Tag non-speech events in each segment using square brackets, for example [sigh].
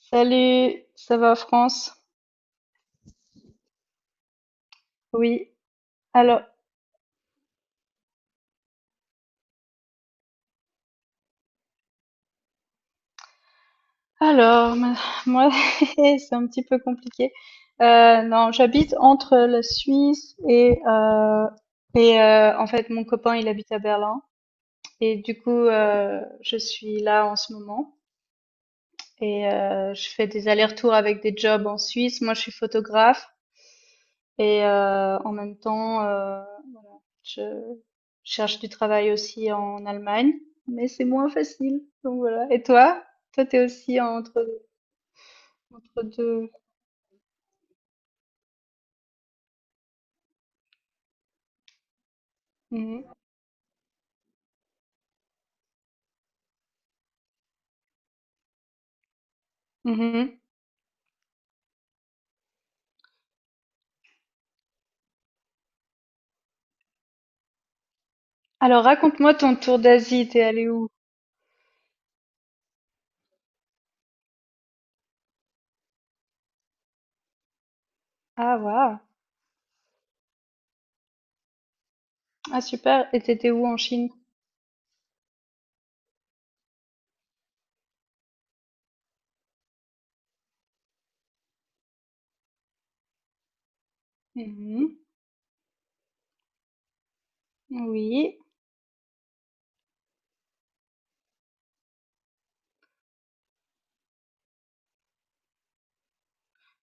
Salut, ça va France? Oui. Alors, alors, [laughs] moi, [laughs] c'est un petit peu compliqué. Non, j'habite entre la Suisse et, en fait, mon copain, il habite à Berlin et du coup, je suis là en ce moment et, je fais des allers-retours avec des jobs en Suisse. Moi, je suis photographe et, en même temps, je cherche du travail aussi en Allemagne, mais c'est moins facile. Donc voilà. Et toi? Toi, t'es aussi entre deux. Mhm. Mhm. Alors, raconte-moi ton tour d'Asie. T'es allé où? Ah, waouh. Ah, super. Et t'étais où en Chine? Mhm. Oui.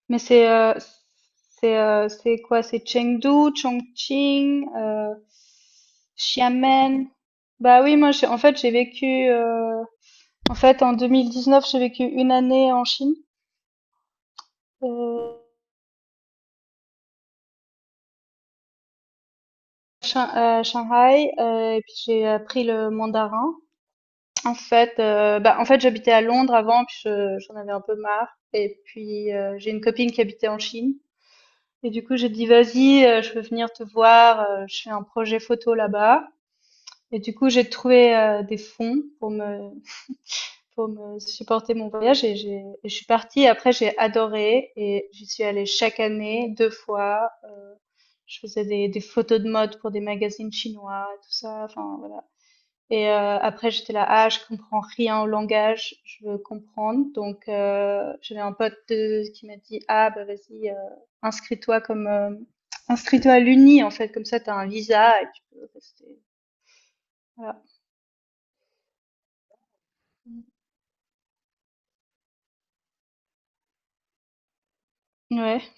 Mais c'est quoi? C'est Chengdu, Chongqing, Xiamen. Bah oui, moi, en fait, j'ai vécu. En fait, en 2019, j'ai vécu une année en Chine. Heu, Shan À Shanghai, et puis j'ai appris le mandarin. En fait, bah, en fait, j'habitais à Londres avant, puis je j'en avais un peu marre et puis, j'ai une copine qui habitait en Chine et du coup, j'ai dit: «Vas-y, je veux venir te voir, je fais un projet photo là-bas» et du coup, j'ai trouvé, des fonds pour me supporter mon voyage et j'ai et je suis partie. Après, j'ai adoré et j'y suis allée chaque année, deux fois. Je faisais des photos de mode pour des magazines chinois, tout ça. Enfin, voilà. Et, après, j'étais là: ah, je comprends rien au langage, je veux comprendre. Donc, j'avais un pote qui m'a dit: ah, bah vas-y, inscris-toi comme, euh, inscris-toi à l'Uni, en fait, comme ça, t'as un visa et tu peux rester. Voilà. Ouais.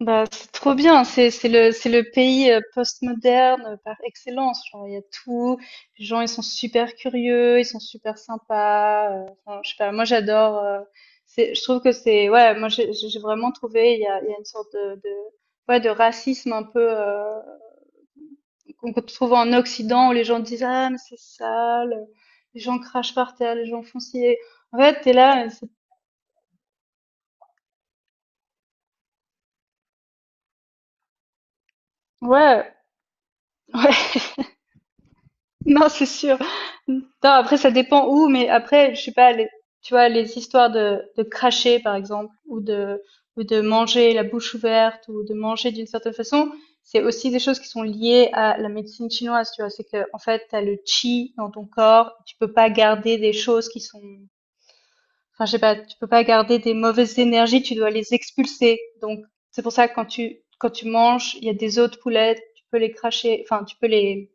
Bah, c'est trop bien, c'est le pays, postmoderne, par excellence. Genre, il y a tout, les gens, ils sont super curieux, ils sont super sympas. Enfin, je sais pas, moi j'adore. C'est, je trouve que c'est, ouais, moi j'ai vraiment trouvé, il y a une sorte de, ouais, de racisme un peu, qu'on trouve en Occident, où les gens disent: ah, mais c'est sale, les gens crachent par terre, les gens font ci. En fait, t'es là, ouais. [laughs] [laughs] Non, c'est sûr. Non, après, ça dépend où, mais après, je sais pas, tu vois, les histoires de, cracher, par exemple, ou de manger la bouche ouverte, ou de manger d'une certaine façon, c'est aussi des choses qui sont liées à la médecine chinoise, tu vois. C'est que, en fait, t'as le qi dans ton corps, tu peux pas garder des choses qui sont, enfin, je sais pas, tu peux pas garder des mauvaises énergies, tu dois les expulser. Donc, c'est pour ça que quand tu manges, il y a des os de poulet, tu peux les cracher, enfin,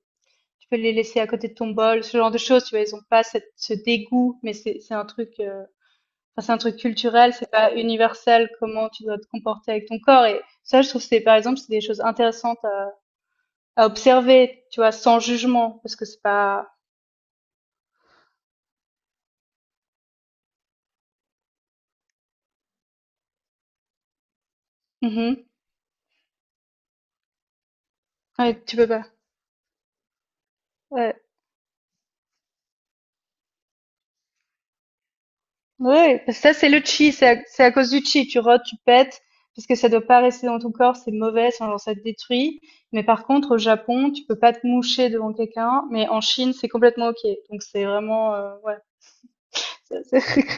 tu peux les laisser à côté de ton bol, ce genre de choses, tu vois, ils ont pas cette, ce dégoût, mais c'est un truc, enfin, c'est un truc culturel, c'est pas universel comment tu dois te comporter avec ton corps. Et ça, je trouve que c'est, par exemple, c'est des choses intéressantes à observer, tu vois, sans jugement, parce que c'est pas. Mhm. Ouais, tu peux pas. Ouais. Ouais, parce que ça, c'est le chi, c'est à cause du chi. Tu rôtes, tu pètes, parce que ça doit pas rester dans ton corps, c'est mauvais, sinon ça te détruit. Mais par contre, au Japon, tu peux pas te moucher devant quelqu'un, mais en Chine, c'est complètement ok. Donc c'est vraiment, ouais. c'est- c'est- [laughs]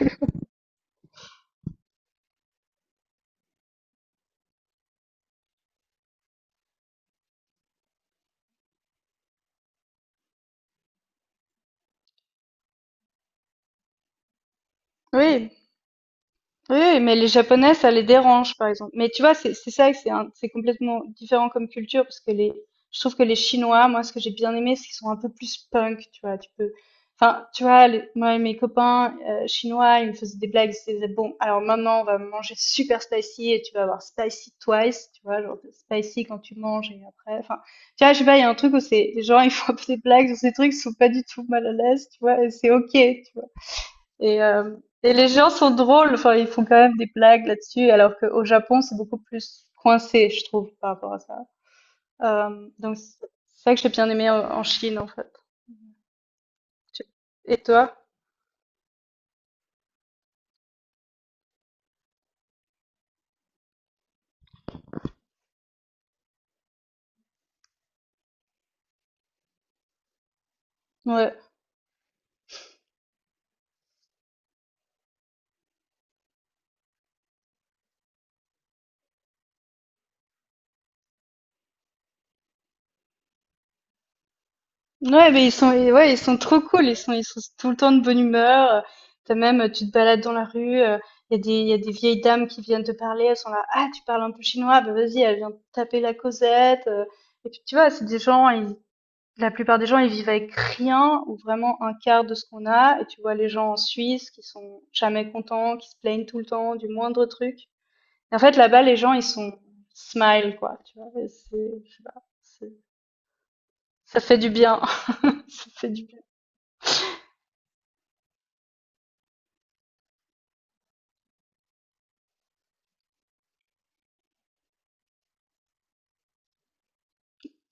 Oui, oui, oui, mais les Japonais, ça les dérange, par exemple. Mais tu vois, c'est ça, que c'est complètement différent comme culture, parce que les... Je trouve que les Chinois, moi, ce que j'ai bien aimé, c'est qu'ils sont un peu plus punk, tu vois. Tu peux, enfin, tu vois, moi et mes copains, chinois, ils me faisaient des blagues, ils disaient: bon, alors maintenant, on va manger super spicy et tu vas avoir spicy twice, tu vois, genre spicy quand tu manges et après, enfin, tu vois, je sais pas, il y a un truc où c'est, les gens, ils font un peu des blagues sur ces trucs, ils sont pas du tout mal à l'aise, tu vois, et c'est ok, tu vois. Et, les gens sont drôles, enfin, ils font quand même des blagues là-dessus, alors qu'au Japon, c'est beaucoup plus coincé, je trouve, par rapport à ça. Donc, c'est ça que j'ai bien aimé en Chine, en fait. Tu- Et toi? Ouais. Ouais, mais ils sont, et ouais, ils sont trop cool, ils sont tout le temps de bonne humeur. T'as même, tu te balades dans la rue, il y a des vieilles dames qui viennent te parler, elles sont là: ah, tu parles un peu chinois, bah vas-y, elle vient te taper la causette. Et puis, tu vois, c'est des gens, ils, la plupart des gens, ils vivent avec rien ou vraiment un quart de ce qu'on a. Et tu vois les gens en Suisse qui sont jamais contents, qui se plaignent tout le temps du moindre truc. Et en fait, là-bas, les gens, ils sont smile, quoi. Tu vois, et c'est, je sais pas, ça fait du bien. [laughs] Ça fait du bien.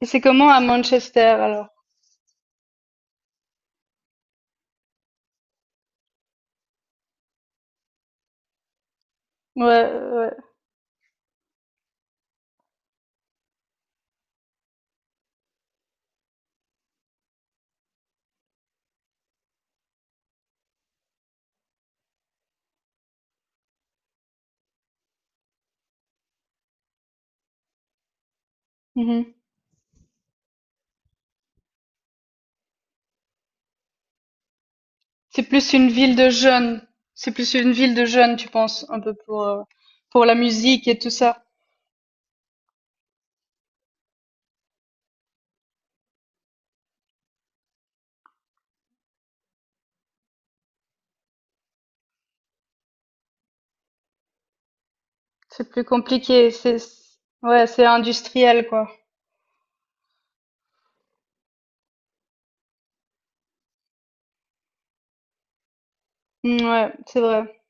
Et c'est comment à Manchester, alors? Ouais, ouais. Mhm. C'est plus une ville de jeunes. C'est plus une ville de jeunes, tu penses, un peu pour la musique et tout ça. C'est plus compliqué. C'est, ouais, c'est industriel, quoi. Mm, ouais, c'est vrai.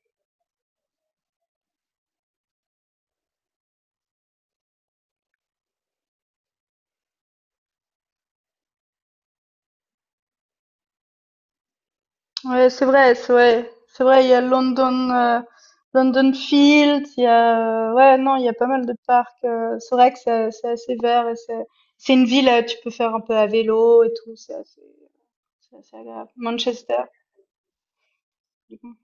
Ouais, c'est vrai, c'est vrai, c'est vrai. Il y a London, London Field. Il y a, ouais, non, il y a pas mal de parcs. C'est vrai que c'est assez vert et c'est une ville. Tu peux faire un peu à vélo et tout. C'est assez agréable, Manchester, du coup.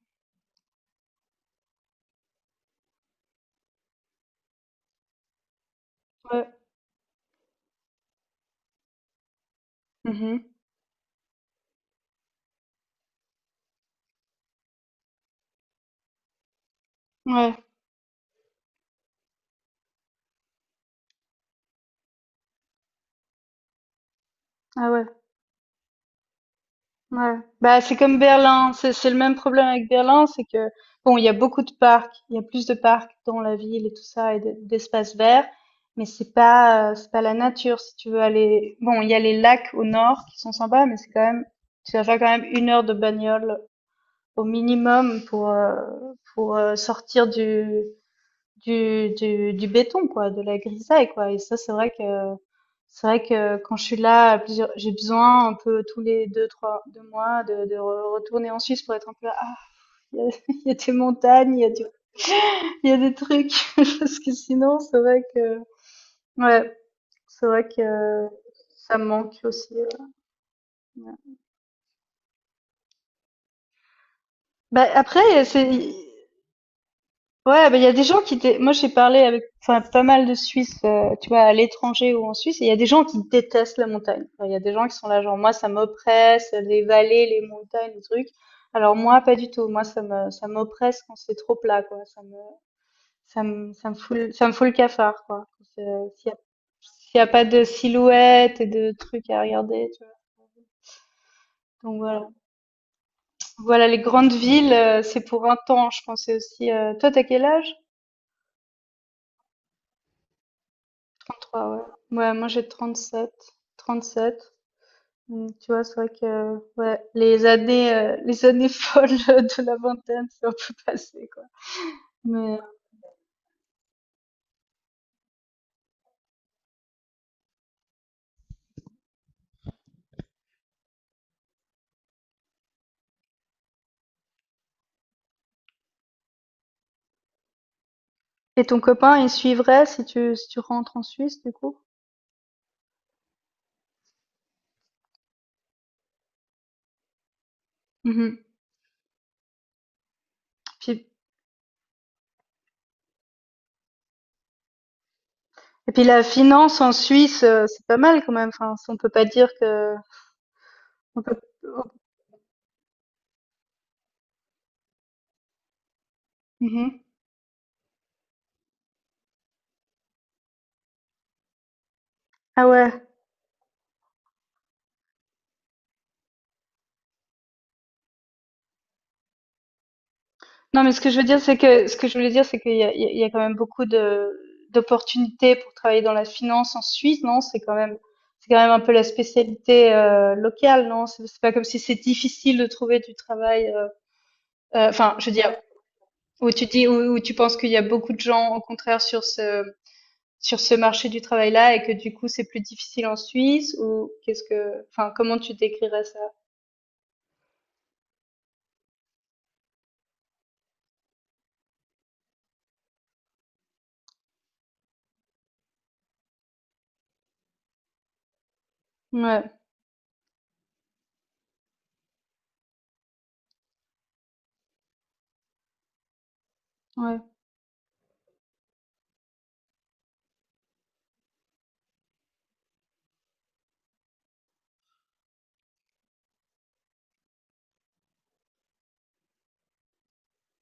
Ouais. Mhm. Ouais. Ah ouais. Ouais. Bah, c'est comme Berlin. C'est le même problème avec Berlin, c'est que, bon, il y a beaucoup de parcs, il y a plus de parcs dans la ville et tout ça et d'espaces verts, mais c'est pas, c'est pas la nature. Si tu veux aller, bon, il y a les lacs au nord qui sont sympas, mais c'est quand même, tu vas faire quand même 1 heure de bagnole au minimum pour sortir du béton, quoi, de la grisaille, quoi. Et ça, c'est vrai que quand je suis là, j'ai besoin un peu tous les deux trois deux mois de retourner en Suisse pour être un peu là: ah, [laughs] il y a des montagnes, il y a des trucs, [laughs] parce que sinon, c'est vrai que, ouais, c'est vrai que ça me manque aussi, ouais. Ouais. Bah après c'est Ouais, bah, il y a des gens moi j'ai parlé avec, enfin, pas mal de Suisses, tu vois, à l'étranger ou en Suisse, et il y a des gens qui détestent la montagne. Enfin, il y a des gens qui sont là genre: moi, ça m'oppresse, les vallées, les montagnes, les trucs. Alors moi, pas du tout, moi, ça m'oppresse quand c'est trop plat, quoi, ça me fout le cafard, quoi. Quand, Euh, S'il y a, s'il y a pas de silhouettes et de trucs à regarder, tu vois. Donc voilà. Voilà, les grandes villes, c'est pour un temps, je pensais aussi. Toi, t'as quel âge? 33, ouais. Ouais, moi j'ai 37. 37. Donc, tu vois, c'est vrai que, ouais, les années [laughs] folles de la vingtaine, c'est un peu passé, quoi. Mais... Et ton copain, il suivrait si tu rentres en Suisse, du coup? Mhm. Puis- et puis, la finance en Suisse, c'est pas mal quand même. Enfin, on peut pas dire que... on peut- Mhm. Ah ouais. Non, mais ce que je veux dire, c'est que ce que je voulais dire, c'est qu'il y a, il y a il y a quand même beaucoup de d'opportunités pour travailler dans la finance en Suisse, non? C'est quand même un peu la spécialité, locale, non? C'est pas comme si c'est difficile de trouver du travail. Enfin, je veux dire, où tu penses qu'il y a beaucoup de gens au contraire sur ce, marché du travail-là et que du coup, c'est plus difficile en Suisse, ou qu'est-ce que, enfin, comment tu décrirais ça? Ouais, ouais.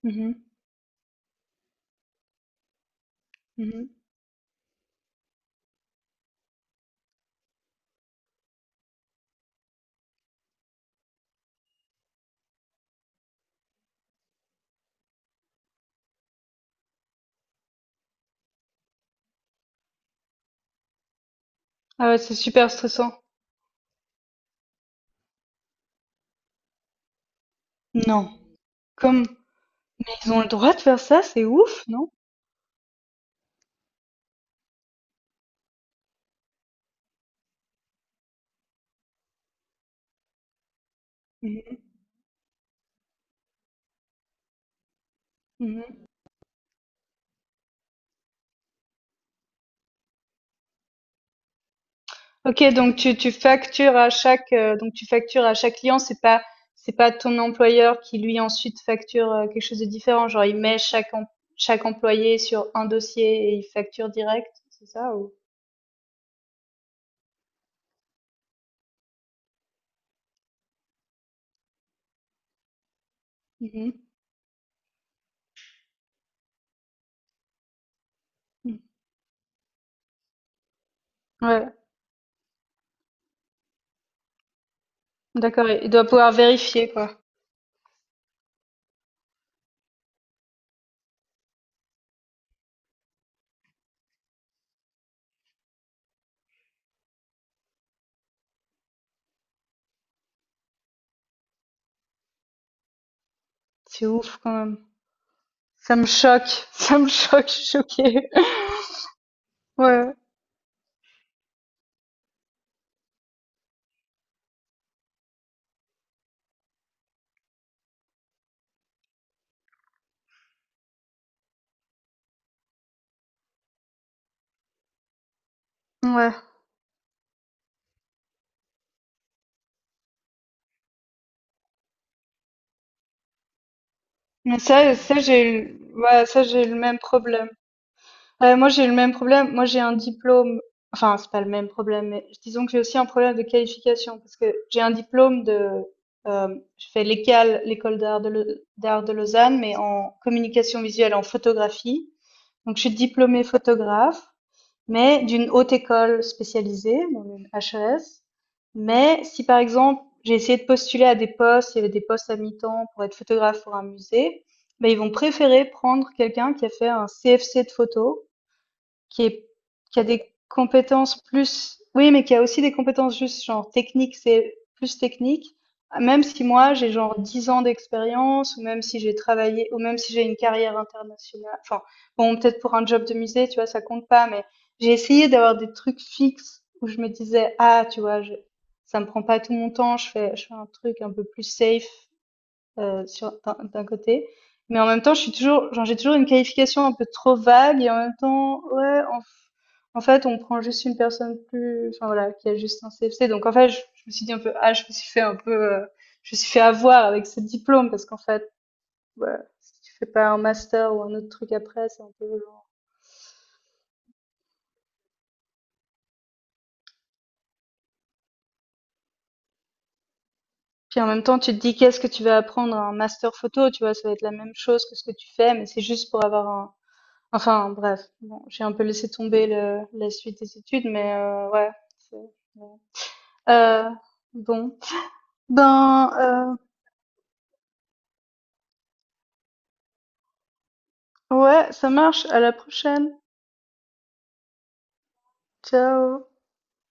Mhm, mhm. Ah ouais, c'est super stressant. Non. Comme Ils ont le droit de faire ça, c'est ouf, non? Mmh, mh. OK, donc tu factures à chaque client, c'est pas ton employeur qui lui ensuite facture, quelque chose de différent, genre il met chaque employé sur un dossier et il facture direct, c'est ça, ou? Mmh, mh. Mmh. Ouais, d'accord, et il doit pouvoir vérifier, quoi. C'est ouf quand même. Ça me choque, [laughs] ça me choque, je suis choquée. [laughs] Ouais, ouais. Mais ça, j'ai eu, ouais, ça j'ai eu le même problème. Moi, j'ai le même problème. Moi, j'ai un diplôme, enfin, c'est pas le même problème, mais disons que j'ai aussi un problème de qualification parce que j'ai un diplôme de, je fais l'école d'art de Lausanne, mais en communication visuelle, en photographie. Donc je suis diplômée photographe, mais d'une haute école spécialisée, donc une HES. Mais si, par exemple, j'ai essayé de postuler à des postes, il y avait des postes à mi-temps pour être photographe pour un musée, bah, ils vont préférer prendre quelqu'un qui a fait un CFC de photo qui est qui a des compétences plus, oui, mais qui a aussi des compétences juste genre techniques, c'est plus technique. Même si moi, j'ai genre 10 ans d'expérience, ou même si j'ai travaillé, ou même si j'ai une carrière internationale, enfin, bon, peut-être pour un job de musée, tu vois, ça compte pas, mais j'ai essayé d'avoir des trucs fixes où je me disais: ah, tu vois, ça me prend pas tout mon temps, je fais un truc un peu plus safe, sur, d'un côté. Mais en même temps, je suis toujours, genre, j'ai toujours une qualification un peu trop vague, et en même temps, ouais, en fait, on prend juste une personne plus, enfin voilà, qui a juste un CFC. Donc en fait, je me suis dit un peu: ah, je me suis fait avoir avec ce diplôme, parce qu'en fait, voilà, si tu fais pas un master ou un autre truc après, c'est un peu genre... Puis en même temps, tu te dis: qu'est-ce que tu vas apprendre à un master photo, tu vois, ça va être la même chose que ce que tu fais, mais c'est juste pour avoir un... Enfin, bref, bon, j'ai un peu laissé tomber le la suite des études, mais ouais, c'est, ouais. Heu, bon, ben, ouais, ça marche, à la prochaine. Ciao.